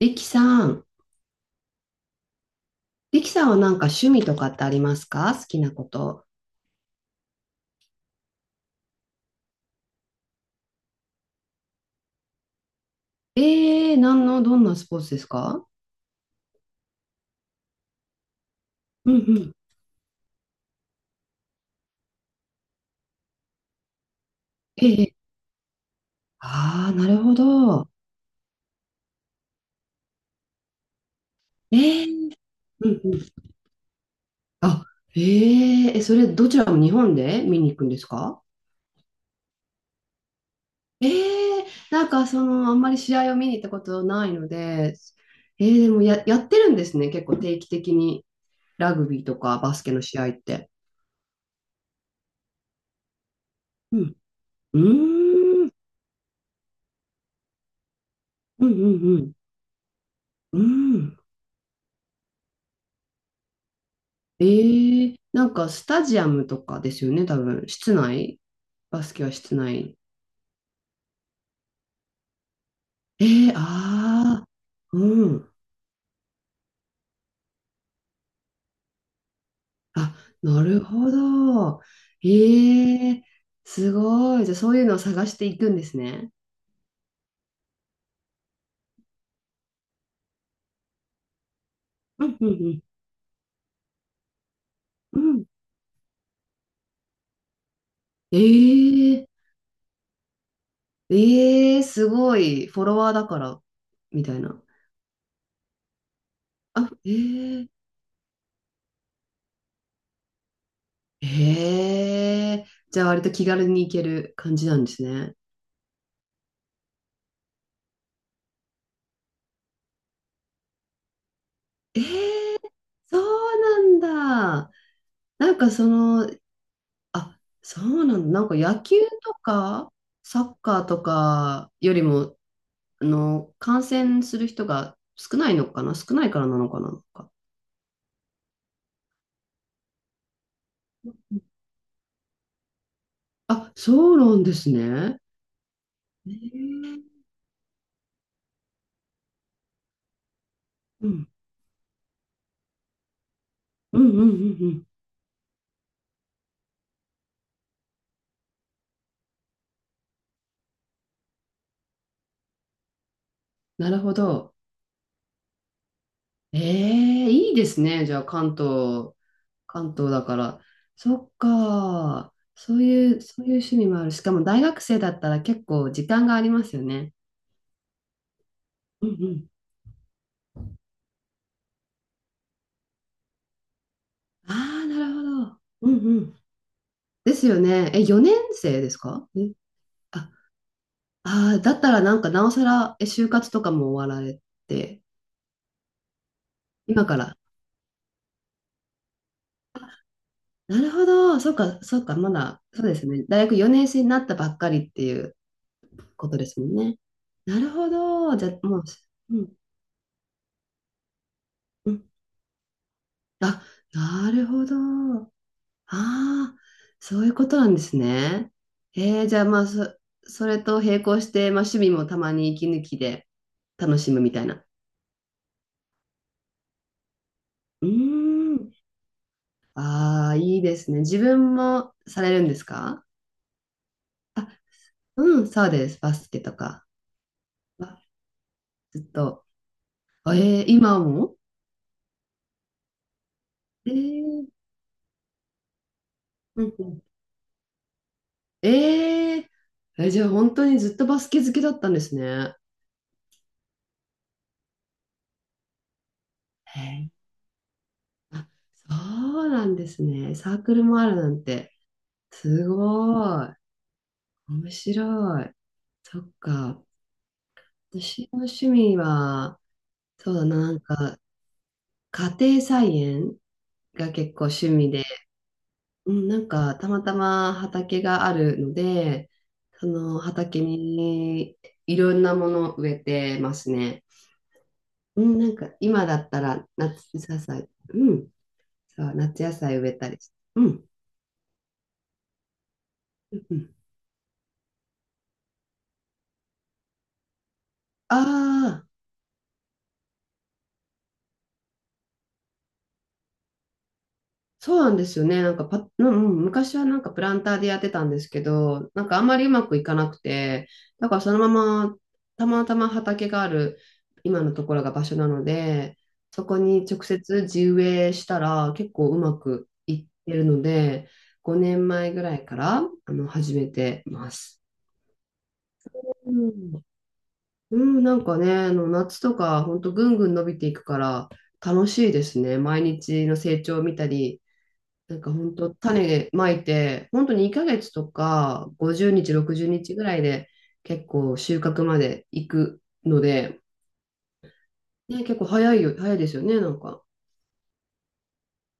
リキさん。リキさんはなんか趣味とかってありますか？好きなこと。ええー、どんなスポーツですか？うんうん。ええ、ああー、なるほど。えー、うんうん。あ、えええそれどちらも日本で見に行くんですか？えー、なんかその、あんまり試合を見に行ったことないので、でも、やってるんですね。結構定期的にラグビーとかバスケの試合って。うん。うーん、うんうんうん。うん。ええ、なんかスタジアムとかですよね、多分。室内バスケは室内。ええ、ああ、うん。あ、なるほど。ええ、すごい。じゃあそういうのを探していくんですね。うんうんうん。うん。ええ、ええ、すごい。フォロワーだから、みたいな。あ、ええ、ええ、じゃあ割と気軽に行ける感じなんですね。ええ、そうなんだ。なんかその、あ、そうなんだ。なんか野球とかサッカーとかよりも、感染する人が少ないのかな、少ないからなのかな、なんか。あ、そうなんですね。えー、うん、うん、うん、うん。うん、なるほど。ええ、いいですね。じゃあ、関東、関東だから。そっか。そういう、そういう趣味もある。しかも大学生だったら結構時間がありますよね。うん、うん。ああ、なるほど。うんうん。ですよね。え、4年生ですかね。あ、あー、だったらなんかなおさら、え、就活とかも終わられて、今から。なるほど。そうか、そうか、まだ、そうですね。大学4年生になったばっかりっていうことですもんね。なるほど。じゃ、もう、うん、うん。あ、なるほど。ああ、そういうことなんですね。じゃあ、まあ、それと並行して、まあ、趣味もたまに息抜きで楽しむみたいな。うーん。ああ、いいですね。自分もされるんですか？あ、うん、そうです。バスケとかは。ずっと。あ、えー、今も。えー、うんうん、えー、え、じゃあ本当にずっとバスケ好きだったんですね。へえ。あ、そうなんですね。サークルもあるなんて。すごい。面白い。そっか。私の趣味は、そうだな、なんか、家庭菜園が結構趣味。うん、なんか、たまたま畑があるので、その畑にいろんなものを植えてますね。うん、なんか、今だったら夏野菜、うん、そう、夏野菜植えたりして。うん、うん。ああー、そうなんですよね。なんかうんうん、昔はなんかプランターでやってたんですけど、なんかあんまりうまくいかなくて、だからそのまま、たまたま畑がある今のところが場所なので、そこに直接地植えしたら結構うまくいってるので、5年前ぐらいから始めてます。うん、うん、なんかね、夏とか本当ぐんぐん伸びていくから楽しいですね。毎日の成長を見たり、なんか本当種まいて、本当に2ヶ月とか50日、60日ぐらいで結構収穫まで行くので、ね、結構早いよ、早いですよね、なんか。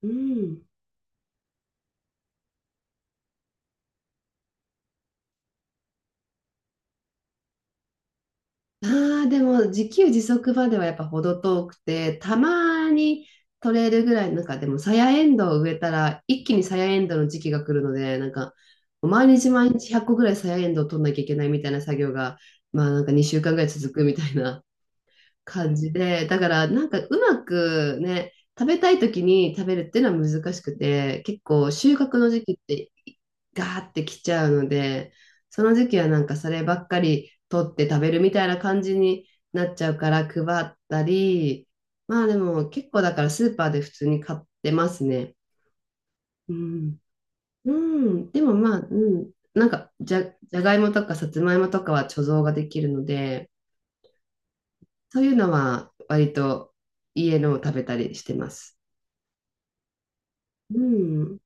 うん。ああ、でも自給自足まではやっぱ程遠くて、たまに取れるぐらい、なんかでもさやエンドウを植えたら一気にさやエンドウの時期が来るので、なんか毎日毎日100個ぐらいさやエンドウを取んなきゃいけないみたいな作業が、まあなんか2週間ぐらい続くみたいな感じで、だからなんかうまくね、食べたい時に食べるっていうのは難しくて、結構収穫の時期ってガーってきちゃうので、その時期はなんかそればっかり取って食べるみたいな感じになっちゃうから配ったり、まあでも結構だからスーパーで普通に買ってますね。うん。うん。でもまあ、うん。なんかじゃがいもとかさつまいもとかは貯蔵ができるので、そういうのは割と家のを食べたりしてます。うん。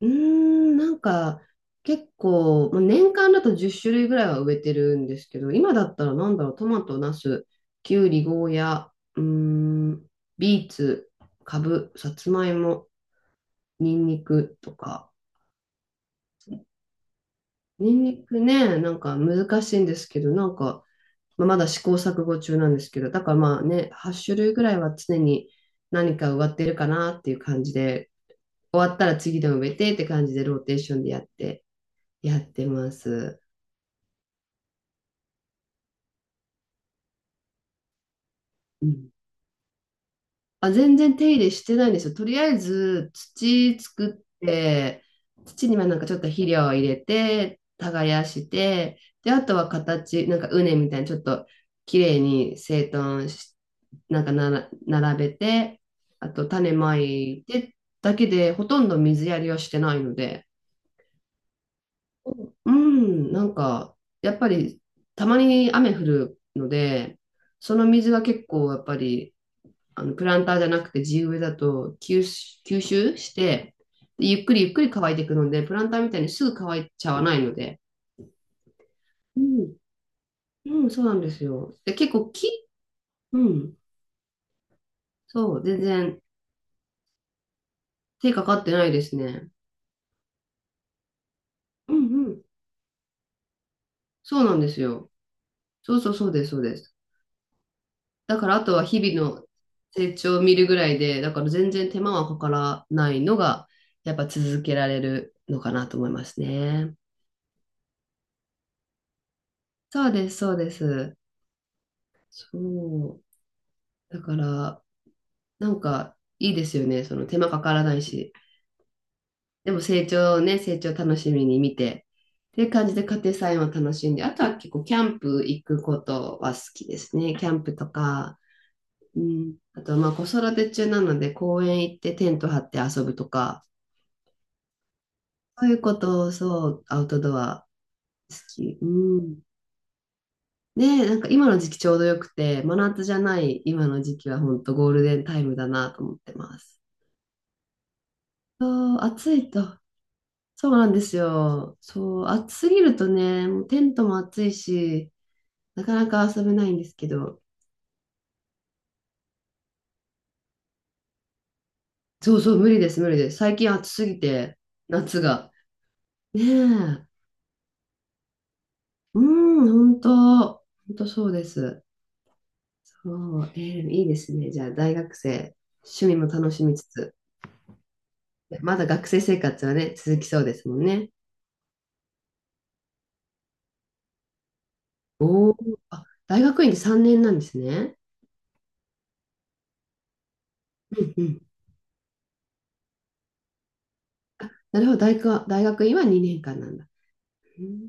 うーん、なんか結構、まあ年間だと10種類ぐらいは植えてるんですけど、今だったらなんだろう、トマト、ナス、キュウリ、ゴーヤ、うーん、ビーツ、カブ、サツマイモ、ニンニクとか。ニンニクね、なんか難しいんですけど、なんか、まあ、まだ試行錯誤中なんですけど、だからまあね、8種類ぐらいは常に何か植わってるかなっていう感じで、終わったら次の植えてって感じでローテーションでやってます。うん。あ、全然手入れしてないんですよ。とりあえず土作って、土にはなんかちょっと肥料を入れて、耕して、で、あとはなんか畝みたいにちょっと綺麗に整頓し、なんかなら並べて、あと種まいてだけで、ほとんど水やりはしてないので、うん、なんか、やっぱり、たまに雨降るので、その水が結構、やっぱり、プランターじゃなくて地植えだと吸収して、でゆっくりゆっくり乾いていくので、プランターみたいにすぐ乾いちゃわないので、うん、うん、そうなんですよ。で、結構木、うん、そう、全然手かかってないですね。うん、うん、そうなんですよ。そうそう、そうです、そうです。だからあとは日々の成長を見るぐらいで、だから全然手間はかからないのが、やっぱ続けられるのかなと思いますね。そうです、そうです。そう。だから、なんかいいですよね。その手間かからないし。でも成長をね、成長を楽しみに見て、っていう感じで家庭菜園を楽しんで、あとは結構キャンプ行くことは好きですね。キャンプとか、うん、あとはまあ子育て中なので公園行ってテント張って遊ぶとか、そういうこと、そう、アウトドア好き。うん。ね、なんか今の時期ちょうどよくて、真夏じゃない今の時期は本当ゴールデンタイムだなと思ってます。そう、暑いと。そうなんですよ。そう、暑すぎるとね、もうテントも暑いし、なかなか遊べないんですけど。そうそう、無理です、無理です。最近暑すぎて、夏が。ねえ。うん、本当、本当そうです。そう、いいですね。じゃあ、大学生、趣味も楽しみつつ。まだ学生生活はね、続きそうですもんね。おお、あ、大学院で3年なんですね。うんうん。あ、なるほど、大学、大学院は2年間なんだ。うん、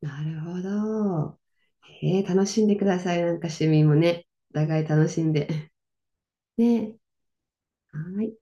なるほど。へえ、楽しんでください。なんか趣味もね、お互い楽しんで。ね、はい。